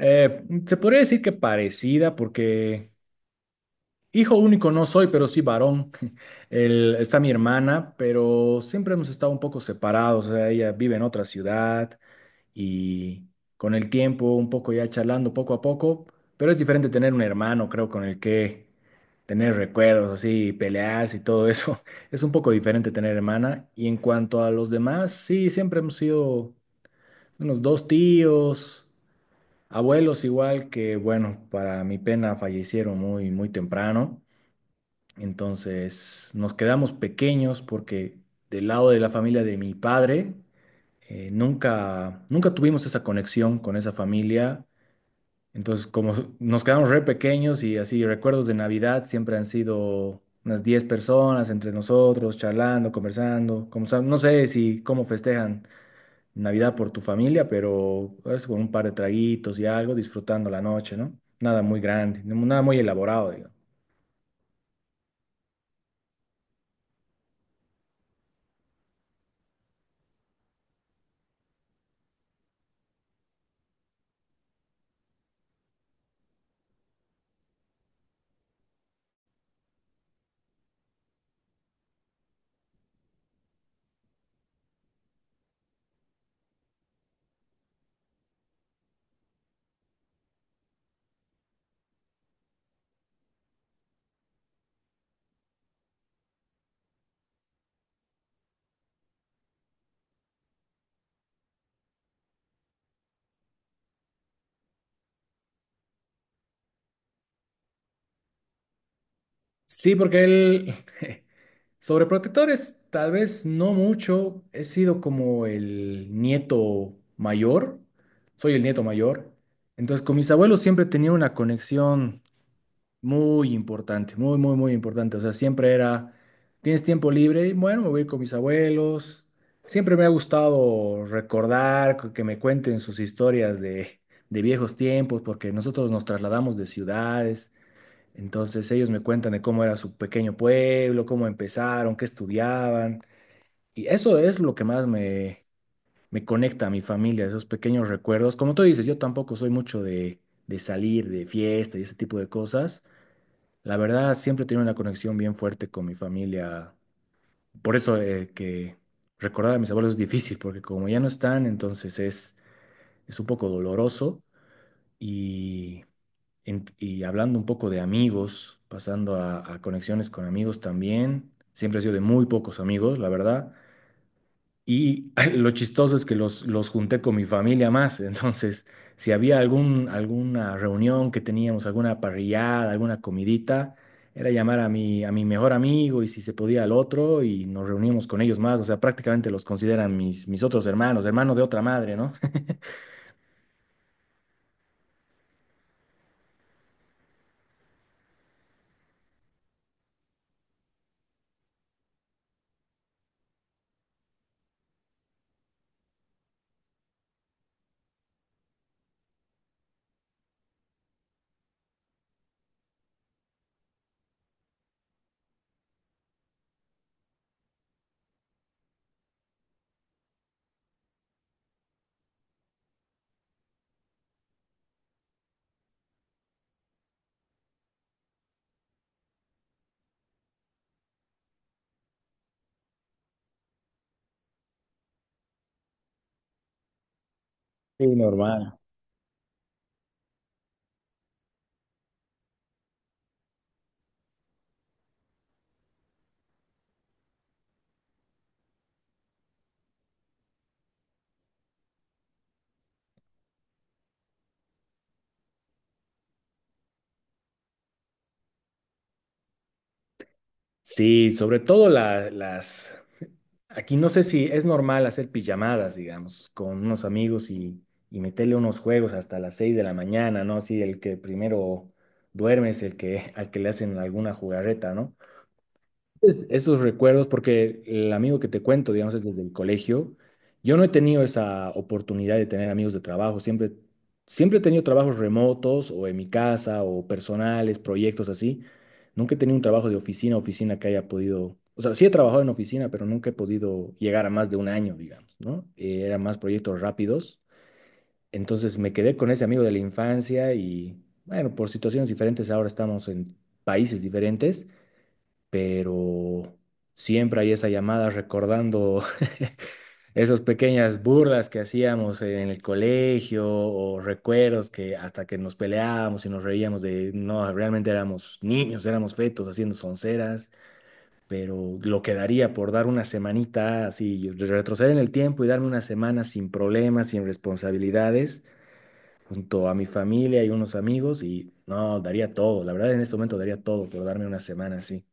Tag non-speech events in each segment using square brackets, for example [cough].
Se podría decir que parecida, porque hijo único no soy, pero sí varón. [laughs] Está mi hermana, pero siempre hemos estado un poco separados. O sea, ella vive en otra ciudad y con el tiempo, un poco ya charlando poco a poco, pero es diferente tener un hermano, creo, con el que tener recuerdos, así, pelearse y todo eso. [laughs] Es un poco diferente tener hermana. Y en cuanto a los demás, sí, siempre hemos sido unos dos tíos. Abuelos igual que, bueno, para mi pena fallecieron muy, muy temprano, entonces nos quedamos pequeños porque del lado de la familia de mi padre nunca, nunca tuvimos esa conexión con esa familia, entonces como [laughs] nos quedamos re pequeños y así recuerdos de Navidad siempre han sido unas 10 personas entre nosotros, charlando, conversando, como, no sé si cómo festejan Navidad por tu familia, pero es con un par de traguitos y algo, disfrutando la noche, ¿no? Nada muy grande, nada muy elaborado, digo. Sí, porque él, [laughs] sobreprotectores, tal vez no mucho, he sido como el nieto mayor, soy el nieto mayor, entonces con mis abuelos siempre tenía una conexión muy importante, muy, muy, muy importante. O sea, siempre era, tienes tiempo libre y bueno, me voy a ir con mis abuelos. Siempre me ha gustado recordar, que me cuenten sus historias de viejos tiempos, porque nosotros nos trasladamos de ciudades, entonces ellos me cuentan de cómo era su pequeño pueblo, cómo empezaron, qué estudiaban. Y eso es lo que más me, me conecta a mi familia, esos pequeños recuerdos. Como tú dices, yo tampoco soy mucho de salir de fiesta y ese tipo de cosas, la verdad, siempre he tenido una conexión bien fuerte con mi familia. Por eso que recordar a mis abuelos es difícil, porque como ya no están, entonces es un poco doloroso. Y, y hablando un poco de amigos, pasando a conexiones con amigos también, siempre he sido de muy pocos amigos, la verdad. Y [laughs] lo chistoso es que los junté con mi familia más. Entonces, si había algún, alguna reunión que teníamos, alguna parrillada, alguna comidita, era llamar a mi mejor amigo y si se podía al otro y nos reuníamos con ellos más. O sea, prácticamente los consideran mis, mis otros hermanos, hermanos de otra madre, ¿no? [laughs] Sí, normal. Sí, sobre todo las Aquí no sé si es normal hacer pijamadas, digamos, con unos amigos y meterle unos juegos hasta las 6 de la mañana, ¿no? Sí, el que primero duerme es el que, [laughs] al que le hacen alguna jugarreta, ¿no? Esos recuerdos, porque el amigo que te cuento, digamos, es desde el colegio. Yo no he tenido esa oportunidad de tener amigos de trabajo. Siempre he tenido trabajos remotos o en mi casa o personales, proyectos así. Nunca he tenido un trabajo de oficina que haya podido. O sea, sí he trabajado en oficina, pero nunca he podido llegar a más de un año, digamos, ¿no? Eran más proyectos rápidos. Entonces me quedé con ese amigo de la infancia y, bueno, por situaciones diferentes ahora estamos en países diferentes, pero siempre hay esa llamada recordando [laughs] esas pequeñas burlas que hacíamos en el colegio o recuerdos que hasta que nos peleábamos y nos reíamos de, no, realmente éramos niños, éramos fetos haciendo sonceras, pero lo que daría por dar una semanita así, retroceder en el tiempo y darme una semana sin problemas, sin responsabilidades, junto a mi familia y unos amigos y no, daría todo, la verdad, en este momento daría todo por darme una semana así.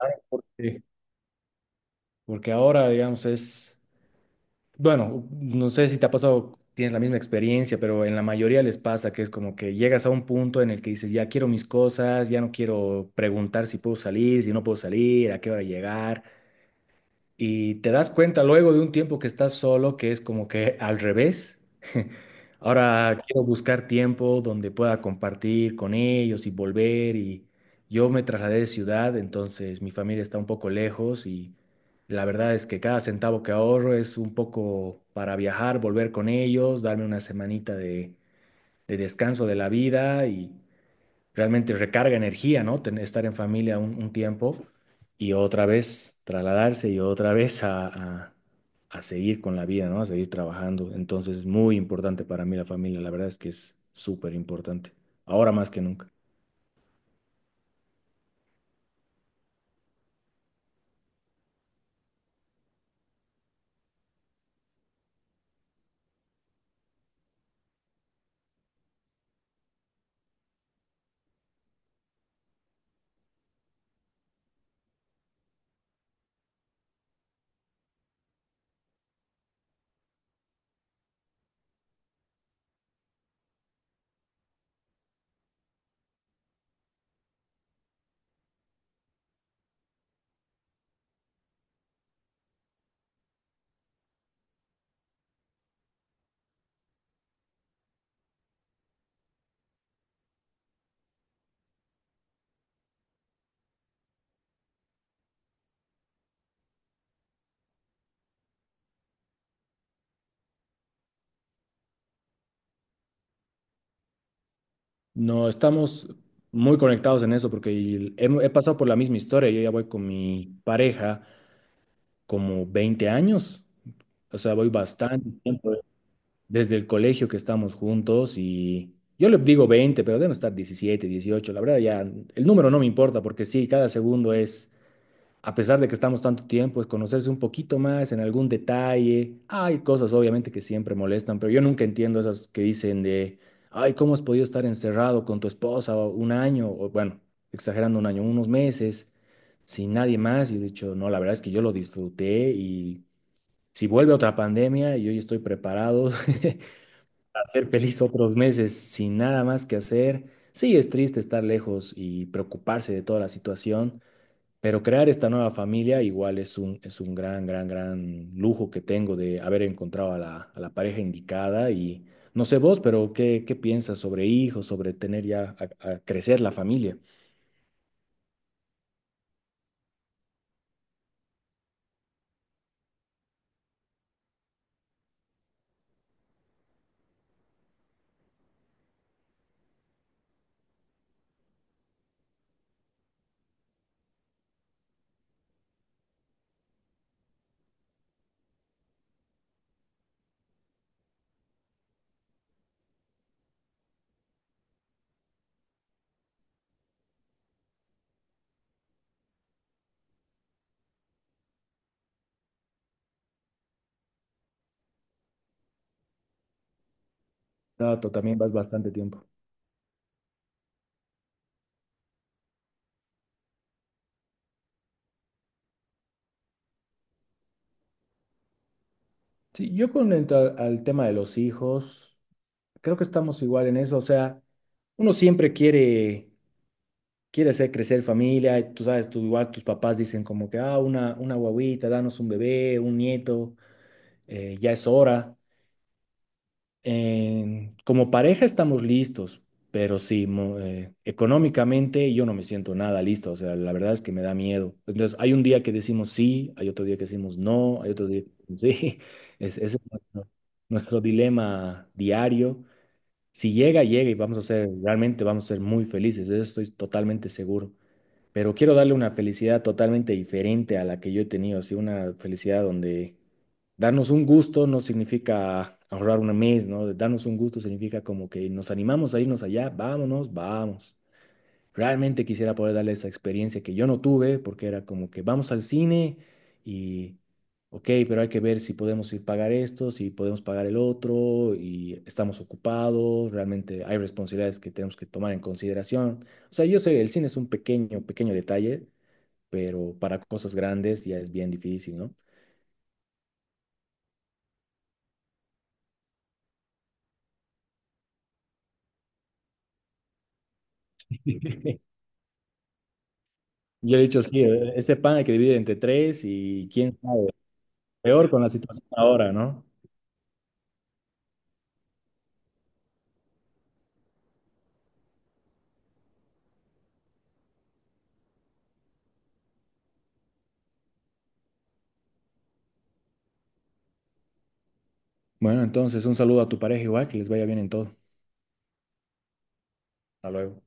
Ay, ¿por qué? Porque ahora, digamos, es, bueno, no sé si te ha pasado, tienes la misma experiencia, pero en la mayoría les pasa que es como que llegas a un punto en el que dices, ya quiero mis cosas, ya no quiero preguntar si puedo salir, si no puedo salir, a qué hora llegar. Y te das cuenta luego de un tiempo que estás solo, que es como que al revés. [laughs] Ahora quiero buscar tiempo donde pueda compartir con ellos y volver. Y yo me trasladé de ciudad, entonces mi familia está un poco lejos y la verdad es que cada centavo que ahorro es un poco para viajar, volver con ellos, darme una semanita de descanso de la vida y realmente recarga energía, ¿no? Estar en familia un tiempo y otra vez trasladarse y otra vez a seguir con la vida, ¿no? A seguir trabajando. Entonces es muy importante para mí la familia, la verdad es que es súper importante, ahora más que nunca. No, estamos muy conectados en eso porque he pasado por la misma historia, yo ya voy con mi pareja como 20 años, o sea, voy bastante, desde el colegio que estamos juntos, y yo le digo 20 pero deben estar 17 18. La verdad, ya el número no me importa porque sí, cada segundo es, a pesar de que estamos tanto tiempo, es conocerse un poquito más en algún detalle. Hay cosas obviamente que siempre molestan, pero yo nunca entiendo esas que dicen de, ay, ¿cómo has podido estar encerrado con tu esposa un año? O bueno, exagerando un año, unos meses, sin nadie más. Y he dicho, no, la verdad es que yo lo disfruté y si vuelve otra pandemia, yo ya estoy preparado. [laughs] Hacer feliz otros meses sin nada más que hacer. Sí, es triste estar lejos y preocuparse de toda la situación, pero crear esta nueva familia igual es un gran, gran, gran lujo que tengo de haber encontrado a la pareja indicada y no sé vos, pero ¿qué piensas sobre hijos, sobre tener ya a crecer la familia? No, tú también vas bastante tiempo. Sí, yo con al tema de los hijos, creo que estamos igual en eso, o sea, uno siempre quiere hacer crecer familia, y tú sabes, tú igual tus papás dicen como que, ah, una guaguita, danos un bebé, un nieto, ya es hora. Como pareja estamos listos, pero sí, económicamente yo no me siento nada listo, o sea, la verdad es que me da miedo. Entonces, hay un día que decimos sí, hay otro día que decimos no, hay otro día que decimos sí. [laughs] Ese es nuestro, nuestro dilema diario. Si llega, llega y vamos a ser, realmente vamos a ser muy felices, de eso estoy totalmente seguro, pero quiero darle una felicidad totalmente diferente a la que yo he tenido, así una felicidad donde darnos un gusto no significa ahorrar un mes, ¿no? Darnos un gusto significa como que nos animamos a irnos allá, vámonos, vamos. Realmente quisiera poder darle esa experiencia que yo no tuve, porque era como que vamos al cine y, ok, pero hay que ver si podemos ir pagar esto, si podemos pagar el otro, y estamos ocupados, realmente hay responsabilidades que tenemos que tomar en consideración. O sea, yo sé, el cine es un pequeño, pequeño detalle, pero para cosas grandes ya es bien difícil, ¿no? [laughs] Yo he dicho, sí, ese pan hay que dividir entre tres y quién sabe, peor con la situación ahora, ¿no? Bueno, entonces un saludo a tu pareja igual, que les vaya bien en todo. Hasta luego.